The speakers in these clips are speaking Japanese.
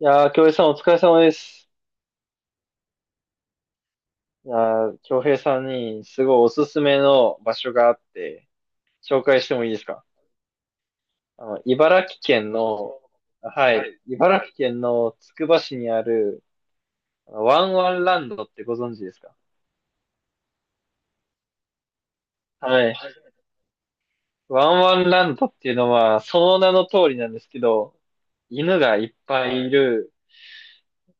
いやー、京平さんお疲れ様です。いやー、京平さんにすごいおすすめの場所があって、紹介してもいいですか？茨城県の、はい、茨城県のつくば市にある、ワンワンランドってご存知ですか？はい。ワンワンランドっていうのは、その名の通りなんですけど、犬がいっぱいいる、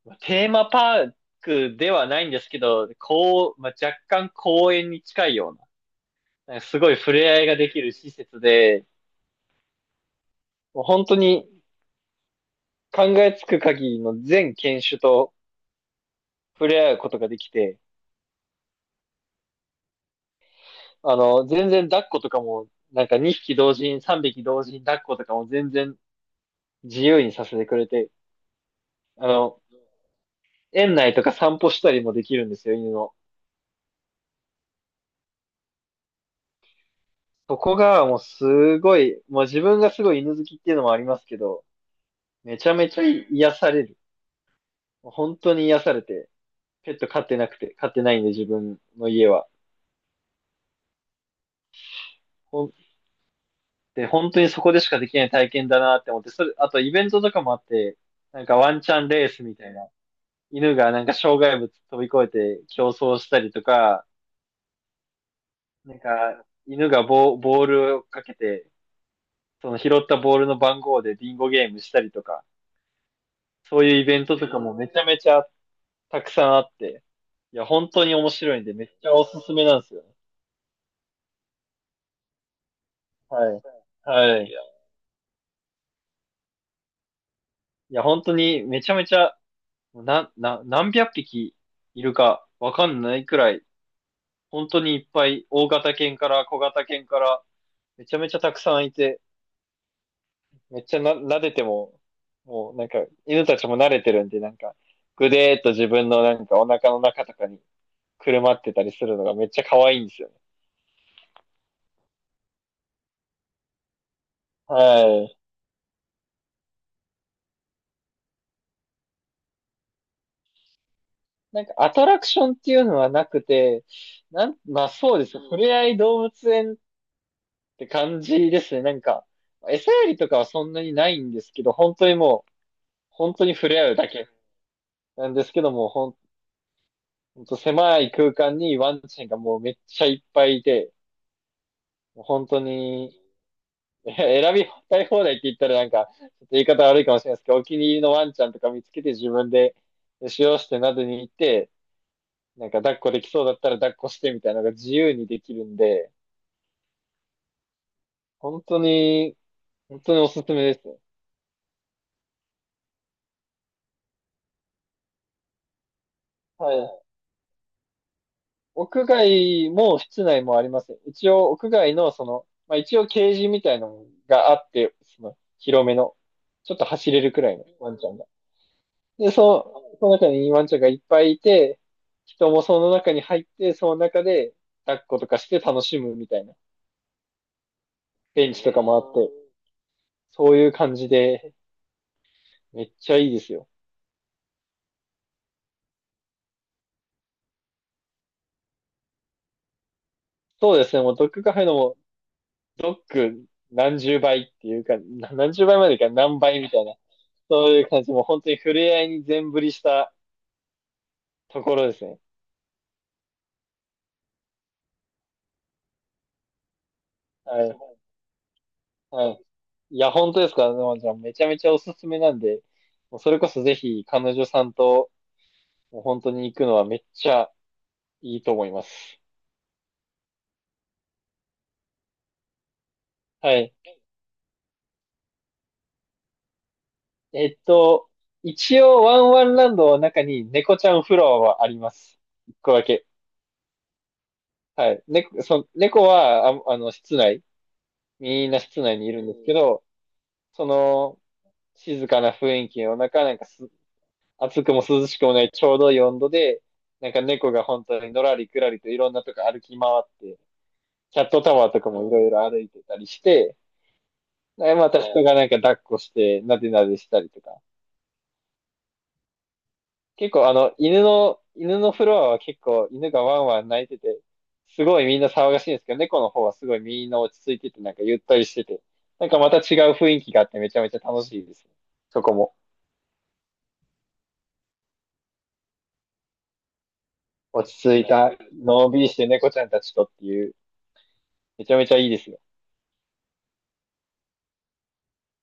まあテーマパークではないんですけど、こう、まあ、若干公園に近いような、すごい触れ合いができる施設で、もう本当に考えつく限りの全犬種と触れ合うことができて、全然抱っことかも、なんか2匹同時に3匹同時に抱っことかも全然自由にさせてくれて、あの、園内とか散歩したりもできるんですよ、犬の。そこがもうすごい、もう自分がすごい犬好きっていうのもありますけど、めちゃめちゃ癒される。本当に癒されて、ペット飼ってなくて、飼ってないんで自分の家は。ほんで、本当にそこでしかできない体験だなって思って、それ、あとイベントとかもあって、なんかワンチャンレースみたいな、犬がなんか障害物飛び越えて競争したりとか、犬がボールをかけて、その拾ったボールの番号でビンゴゲームしたりとか、そういうイベントとかもめちゃめちゃたくさんあって、いや、本当に面白いんで、めっちゃおすすめなんですよね。はい。はい。いや、本当にめちゃめちゃ、何百匹いるかわかんないくらい本当にいっぱい、大型犬から小型犬から、めちゃめちゃたくさんいて、めっちゃな、撫でても、もうなんか、犬たちも慣れてるんで、なんか、ぐでーっと自分のなんかお腹の中とかにくるまってたりするのがめっちゃ可愛いんですよね。はい。なんかアトラクションっていうのはなくて、まあそうです。ふれあい動物園って感じですね。なんか、餌やりとかはそんなにないんですけど、本当にもう、本当に触れ合うだけなんですけども、ほんと狭い空間にワンちゃんがもうめっちゃいっぱいいて、もう本当に、選びたい放題って言ったらなんか、ちょっと言い方悪いかもしれないですけど、お気に入りのワンちゃんとか見つけて自分で使用してなどに行って、なんか抱っこできそうだったら抱っこしてみたいなのが自由にできるんで、本当に、本当におすすめですね。はい。屋外も室内もあります。一応屋外のその、まあ一応ケージみたいなのがあって、その広めの、ちょっと走れるくらいのワンちゃんが。で、そう、その中にイーワンちゃんがいっぱいいて、人もその中に入って、その中で抱っことかして楽しむみたいな。ベンチとかもあって、そういう感じで、めっちゃいいですよ。そうですね、もうドッグカフェのも、ドッグ何十倍っていうか、何十倍までいかない何倍みたいな。そういう感じ、もう本当に触れ合いに全振りしたところですね。はい。はい。いや、本当ですか、沼ちゃん？めちゃめちゃおすすめなんで、もうそれこそぜひ彼女さんと、もう本当に行くのはめっちゃいいと思います。はい。えっと、一応ワンワンランドの中に猫ちゃんフロアはあります。一個だけ。はい。猫は、室内、みんな室内にいるんですけど、その、静かな雰囲気の中、なんかす、暑くも涼しくもないちょうどいい温度で、なんか猫が本当にのらりくらりといろんなとこ歩き回って、キャットタワーとかもいろいろ歩いてたりして、でまた人がなんか抱っこして、なでなでしたりとか、結構あの、犬のフロアは結構犬がワンワン泣いてて、すごいみんな騒がしいんですけど、猫の方はすごいみんな落ち着いてて、なんかゆったりしてて、なんかまた違う雰囲気があってめちゃめちゃ楽しいですね。そこも。落ち着いた、のんびりして猫ちゃんたちとっていう、めちゃめちゃいいですよ。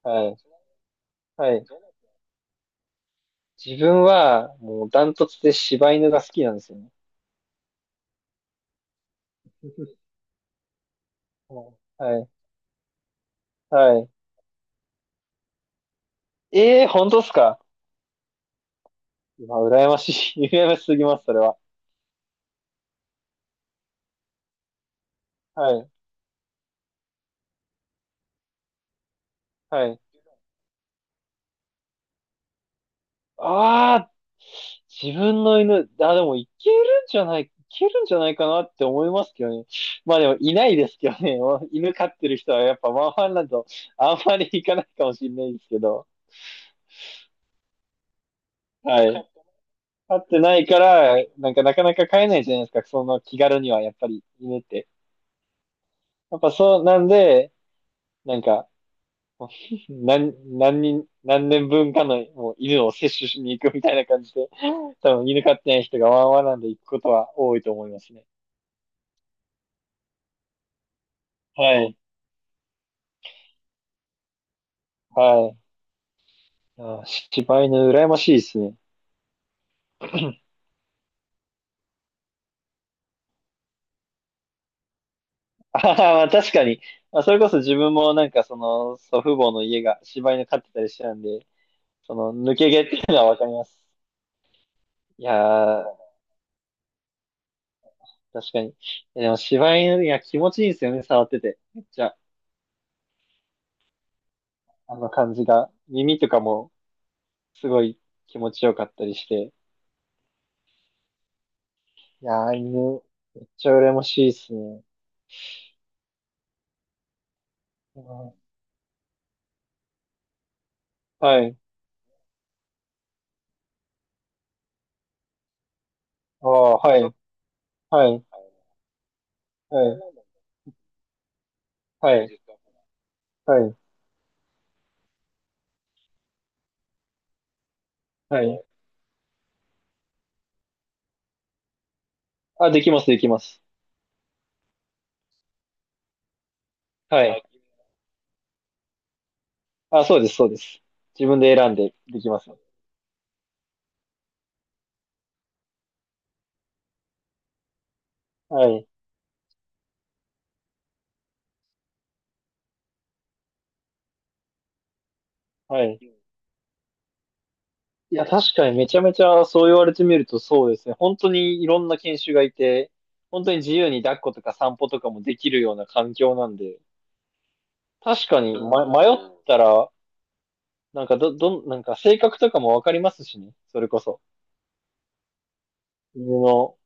はい。はい。自分は、もうダントツで柴犬が好きなんですよね。はい。はい。ええー、本当っすか？うわ、羨ましい。羨ましすぎます、それは。はい。はい。ああ、自分の犬、あ、でもいけるんじゃないかなって思いますけどね。まあでもいないですけどね。犬飼ってる人はやっぱマンハンランドあんまり行かないかもしれないですけど。はい。飼ってないから、なんかなかなか飼えないじゃないですか。その気軽にはやっぱり犬って。やっぱそうなんで、なんか、何、何年分かのもう犬を摂取しに行くみたいな感じで、多分犬飼ってない人がワンワンランド行くことは多いと思いますね。はい、はい。あ、柴犬羨ましいですね。あははまあ確かに。まあ、それこそ自分もなんかその祖父母の家が柴犬飼ってたりしてたんで、その抜け毛っていうのはわかります。いやー、確かに。でも柴犬、いや気持ちいいんですよね、触ってて。めっちゃ、あの感じが。耳とかもすごい気持ちよかったりして。いやー、犬、めっちゃ羨ましいですね。うん。はい。ああ、はい、はい、はい、はい、はい、はい。あ、できます、できます。はい。あ、そうです、そうです。自分で選んでできます。はい、はい。いや、確かにめちゃめちゃそう言われてみるとそうですね。本当にいろんな犬種がいて、本当に自由に抱っことか散歩とかもできるような環境なんで、確かに、ま、迷ったら、なんかど、どん、なんか性格とかもわかりますしね。それこそ。犬の、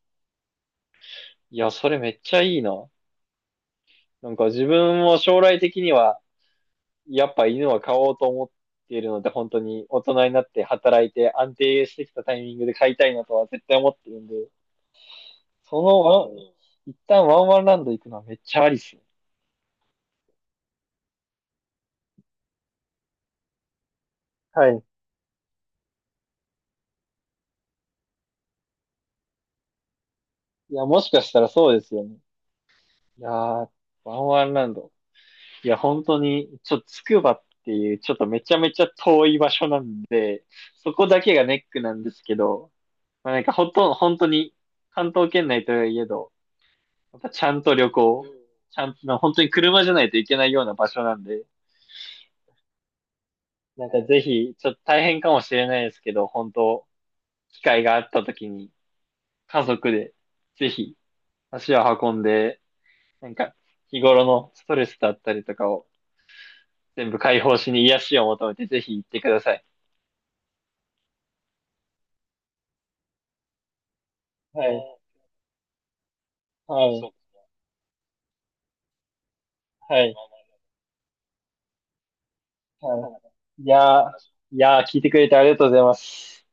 いや、それめっちゃいいな。なんか自分も将来的には、やっぱ犬は飼おうと思っているので、本当に大人になって働いて安定してきたタイミングで飼いたいなとは絶対思ってるんで、そのワン、一旦ワンワンランド行くのはめっちゃありっすね。はい。いや、もしかしたらそうですよね。いやー、ワンワンランド。いや、本当に、ちょっとつくばっていう、ちょっとめちゃめちゃ遠い場所なんで、そこだけがネックなんですけど、まあ、なんかほとんど、本当に、関東圏内といえど、やっぱちゃんと旅行、ちゃんと、本当に車じゃないといけないような場所なんで、なんかぜひ、ちょっと大変かもしれないですけど、本当、機会があった時に、家族で、ぜひ、足を運んで、なんか、日頃のストレスだったりとかを全部解放しに癒しを求めて、ぜひ行ってください。はい、はい、はい、はい。いやー、聞いてくれてありがとうございます。